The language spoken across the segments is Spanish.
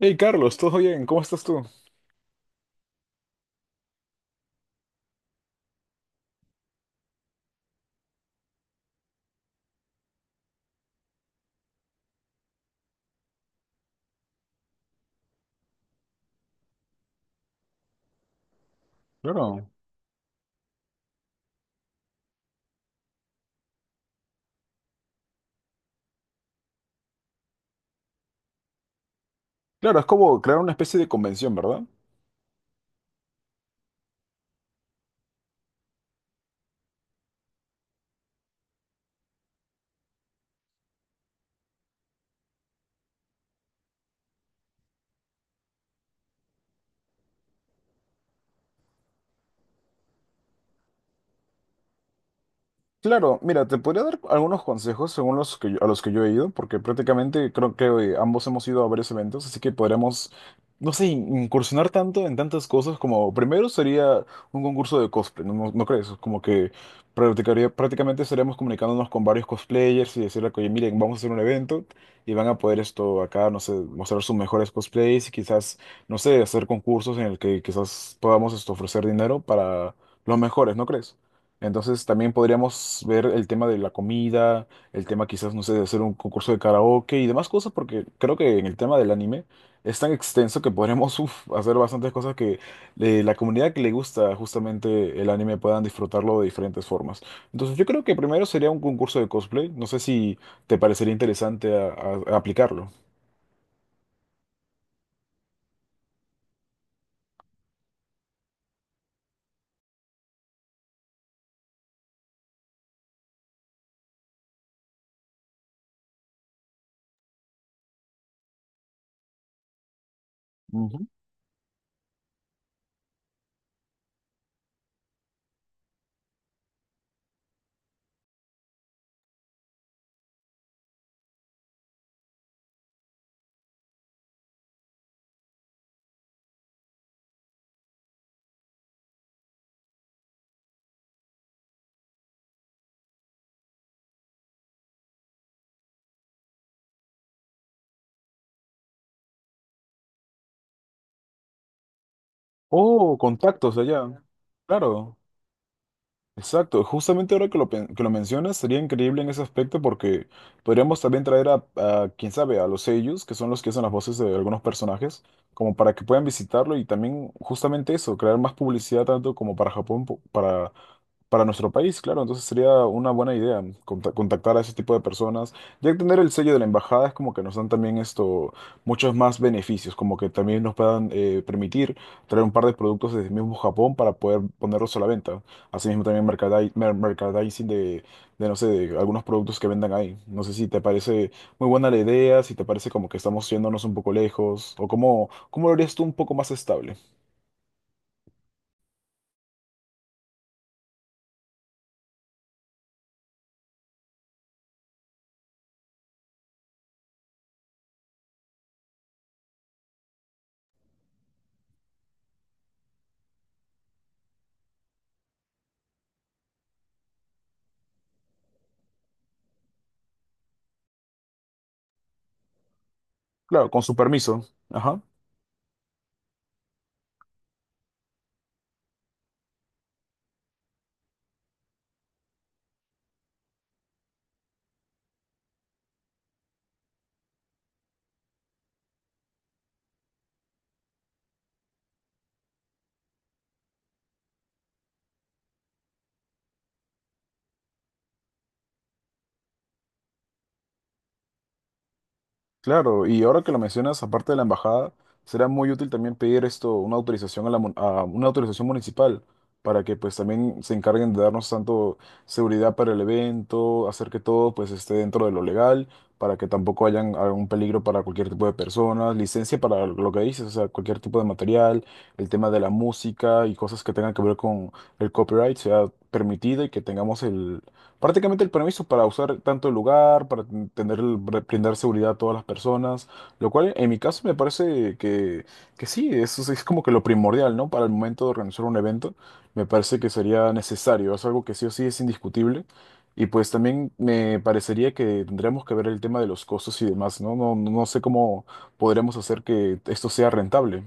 Hey Carlos, ¿todo bien? ¿Cómo estás tú? Claro, claro, es como crear una especie de convención, ¿verdad? Claro, mira, te podría dar algunos consejos según a los que yo he ido, porque prácticamente creo que ambos hemos ido a varios eventos, así que podríamos, no sé, incursionar tanto en tantas cosas como primero sería un concurso de cosplay, ¿no crees? Como que prácticamente estaríamos comunicándonos con varios cosplayers y decirle, oye, miren, vamos a hacer un evento y van a poder esto acá, no sé, mostrar sus mejores cosplays y quizás, no sé, hacer concursos en el que quizás podamos esto, ofrecer dinero para los mejores, ¿no crees? Entonces también podríamos ver el tema de la comida, el tema quizás, no sé, de hacer un concurso de karaoke y demás cosas, porque creo que en el tema del anime es tan extenso que podremos uf, hacer bastantes cosas que la comunidad que le gusta justamente el anime puedan disfrutarlo de diferentes formas. Entonces yo creo que primero sería un concurso de cosplay, no sé si te parecería interesante a aplicarlo. Ujú. Oh, contactos de allá. Claro. Exacto, justamente ahora que lo mencionas, sería increíble en ese aspecto porque podríamos también traer a quién sabe, a los sellos, que son los que hacen las voces de algunos personajes, como para que puedan visitarlo y también justamente eso, crear más publicidad tanto como para Japón, para nuestro país, claro, entonces sería una buena idea contactar a ese tipo de personas. Ya que tener el sello de la embajada es como que nos dan también esto, muchos más beneficios, como que también nos puedan permitir traer un par de productos desde mismo Japón para poder ponerlos a la venta. Asimismo también merchandising de no sé, de algunos productos que vendan ahí. No sé si te parece muy buena la idea, si te parece como que estamos yéndonos un poco lejos, o cómo lo harías tú un poco más estable. Claro, con su permiso. Ajá. Claro, y ahora que lo mencionas, aparte de la embajada, será muy útil también pedir esto, una autorización a una autorización municipal para que pues también se encarguen de darnos tanto seguridad para el evento, hacer que todo pues esté dentro de lo legal, para que tampoco hayan algún peligro para cualquier tipo de personas, licencia para lo que dices, o sea, cualquier tipo de material, el tema de la música y cosas que tengan que ver con el copyright sea permitida y que tengamos prácticamente el permiso para usar tanto el lugar, para tener, brindar seguridad a todas las personas, lo cual en mi caso me parece que sí, eso es como que lo primordial, ¿no? Para el momento de organizar un evento, me parece que sería necesario, es algo que sí o sí es indiscutible. Y pues también me parecería que tendríamos que ver el tema de los costos y demás, ¿no? No, no sé cómo podríamos hacer que esto sea rentable.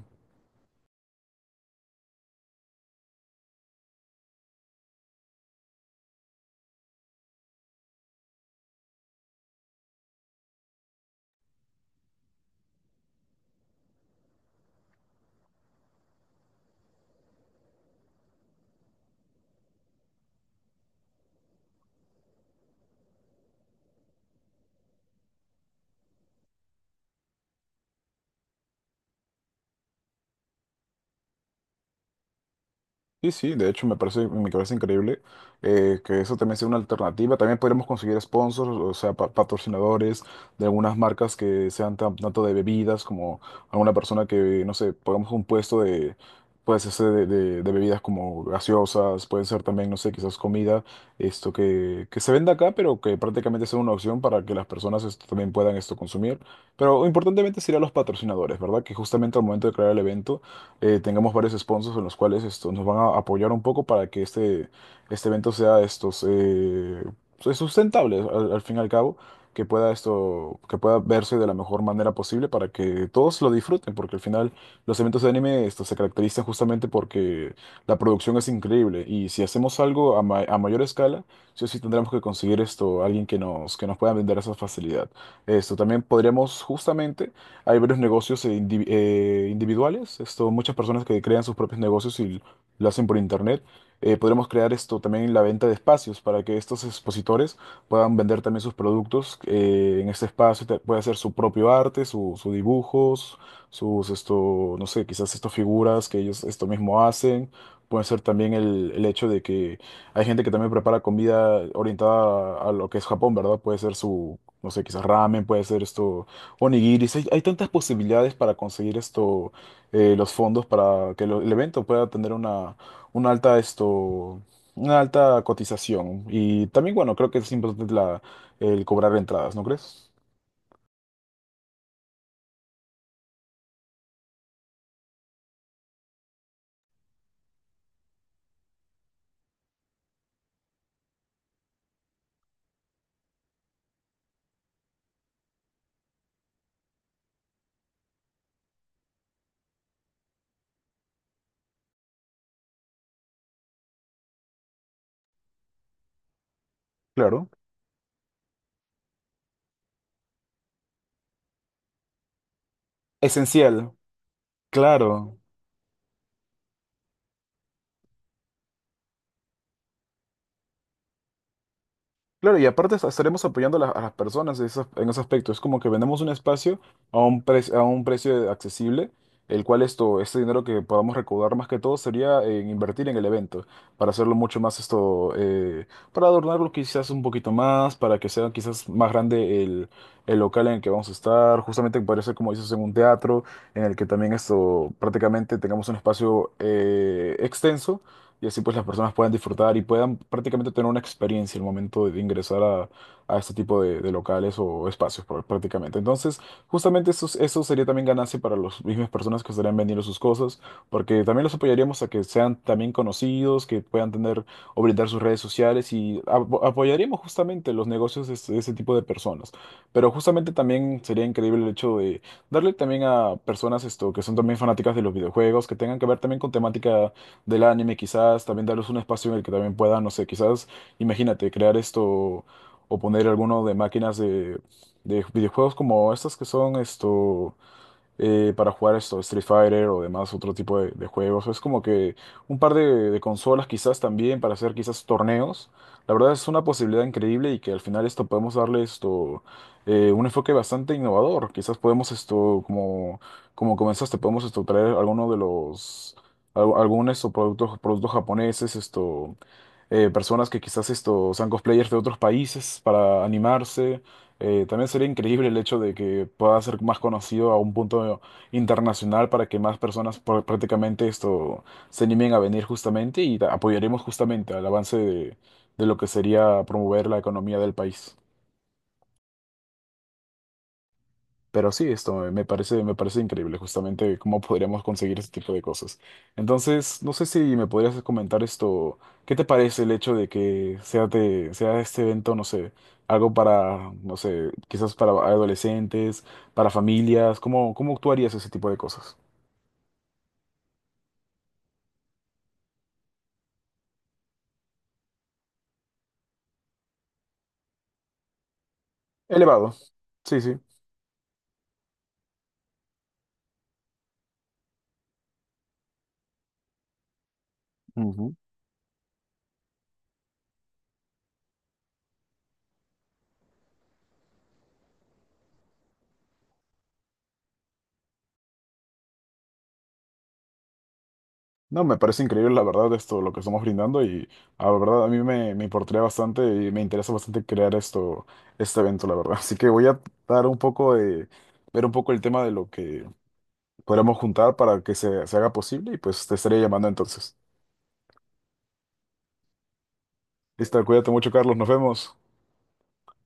Sí, sí, de hecho me parece increíble que eso también sea una alternativa. También podríamos conseguir sponsors, o sea, patrocinadores de algunas marcas que sean tanto de bebidas como alguna persona que, no sé, pongamos un puesto de, puede ser de bebidas como gaseosas, puede ser también, no sé, quizás comida, esto que se venda acá, pero que prácticamente sea una opción para que las personas esto, también puedan esto consumir. Pero importantemente serían los patrocinadores, ¿verdad? Que justamente al momento de crear el evento tengamos varios sponsors en los cuales esto, nos van a apoyar un poco para que este evento sea estos, pues, sustentable al fin y al cabo, que que pueda verse de la mejor manera posible para que todos lo disfruten, porque al final los eventos de anime esto, se caracterizan justamente porque la producción es increíble y si hacemos algo a mayor escala, sí o sí tendremos que conseguir esto, alguien que que nos pueda vender esa facilidad. Esto también podríamos justamente hay varios negocios individuales, esto, muchas personas que crean sus propios negocios y lo hacen por internet. Podremos crear esto también la venta de espacios para que estos expositores puedan vender también sus productos en este espacio. Puede hacer su propio arte, su dibujos, sus esto, no sé, quizás estas figuras que ellos esto mismo hacen. Puede ser también el hecho de que hay gente que también prepara comida orientada a lo que es Japón, ¿verdad? Puede ser su, no sé, quizás ramen, puede ser esto Onigiris, hay tantas posibilidades para conseguir esto, los fondos para que el evento pueda tener una, una alta esto, una alta cotización. Y también, bueno, creo que es importante el cobrar entradas, ¿no crees? Claro. Esencial, claro. Claro, y aparte estaremos apoyando a a las personas en ese aspecto. Es como que vendemos un espacio a a un precio accesible, el cual esto, este dinero que podamos recaudar más que todo sería en invertir en el evento, para hacerlo mucho más esto, para adornarlo quizás un poquito más, para que sea quizás más grande el local en el que vamos a estar. Justamente parece como dices, en un teatro, en el que también esto prácticamente tengamos un espacio extenso y así pues las personas puedan disfrutar y puedan prácticamente tener una experiencia al momento ingresar a este tipo de locales o espacios prácticamente. Entonces, justamente eso, eso sería también ganancia para las mismas personas que estarían vendiendo sus cosas, porque también los apoyaríamos a que sean también conocidos, que puedan tener o brindar sus redes sociales y apoyaríamos justamente los negocios de ese tipo de personas. Pero justamente también sería increíble el hecho de darle también a personas esto que son también fanáticas de los videojuegos, que tengan que ver también con temática del anime, quizás también darles un espacio en el que también puedan, no sé, quizás, imagínate, crear esto o poner alguno de máquinas de videojuegos como estas que son esto para jugar esto, Street Fighter o demás, otro tipo de juegos. Es como que un par de consolas quizás también para hacer quizás torneos. La verdad es una posibilidad increíble y que al final esto podemos darle esto un enfoque bastante innovador. Quizás podemos esto, como, como comenzaste, podemos esto traer alguno de los al- algunos o productos, productos japoneses, esto personas que quizás esto sean cosplayers de otros países para animarse. También sería increíble el hecho de que pueda ser más conocido a un punto internacional para que más personas prácticamente esto se animen a venir justamente y apoyaremos justamente al avance de lo que sería promover la economía del país. Pero sí, esto me parece increíble, justamente cómo podríamos conseguir ese tipo de cosas. Entonces, no sé si me podrías comentar esto, ¿qué te parece el hecho de que sea este evento, no sé, algo para, no sé, quizás para adolescentes, para familias? ¿Cómo tú harías ese tipo de cosas? Elevado. Sí, sí. No, me parece increíble la verdad esto, lo que estamos brindando y la verdad a mí me importaría bastante y me interesa bastante crear esto, este evento, la verdad. Así que voy a dar un poco de, ver un poco el tema de lo que podremos juntar para que se haga posible y pues te estaré llamando entonces. Listo, cuídate mucho, Carlos, nos vemos.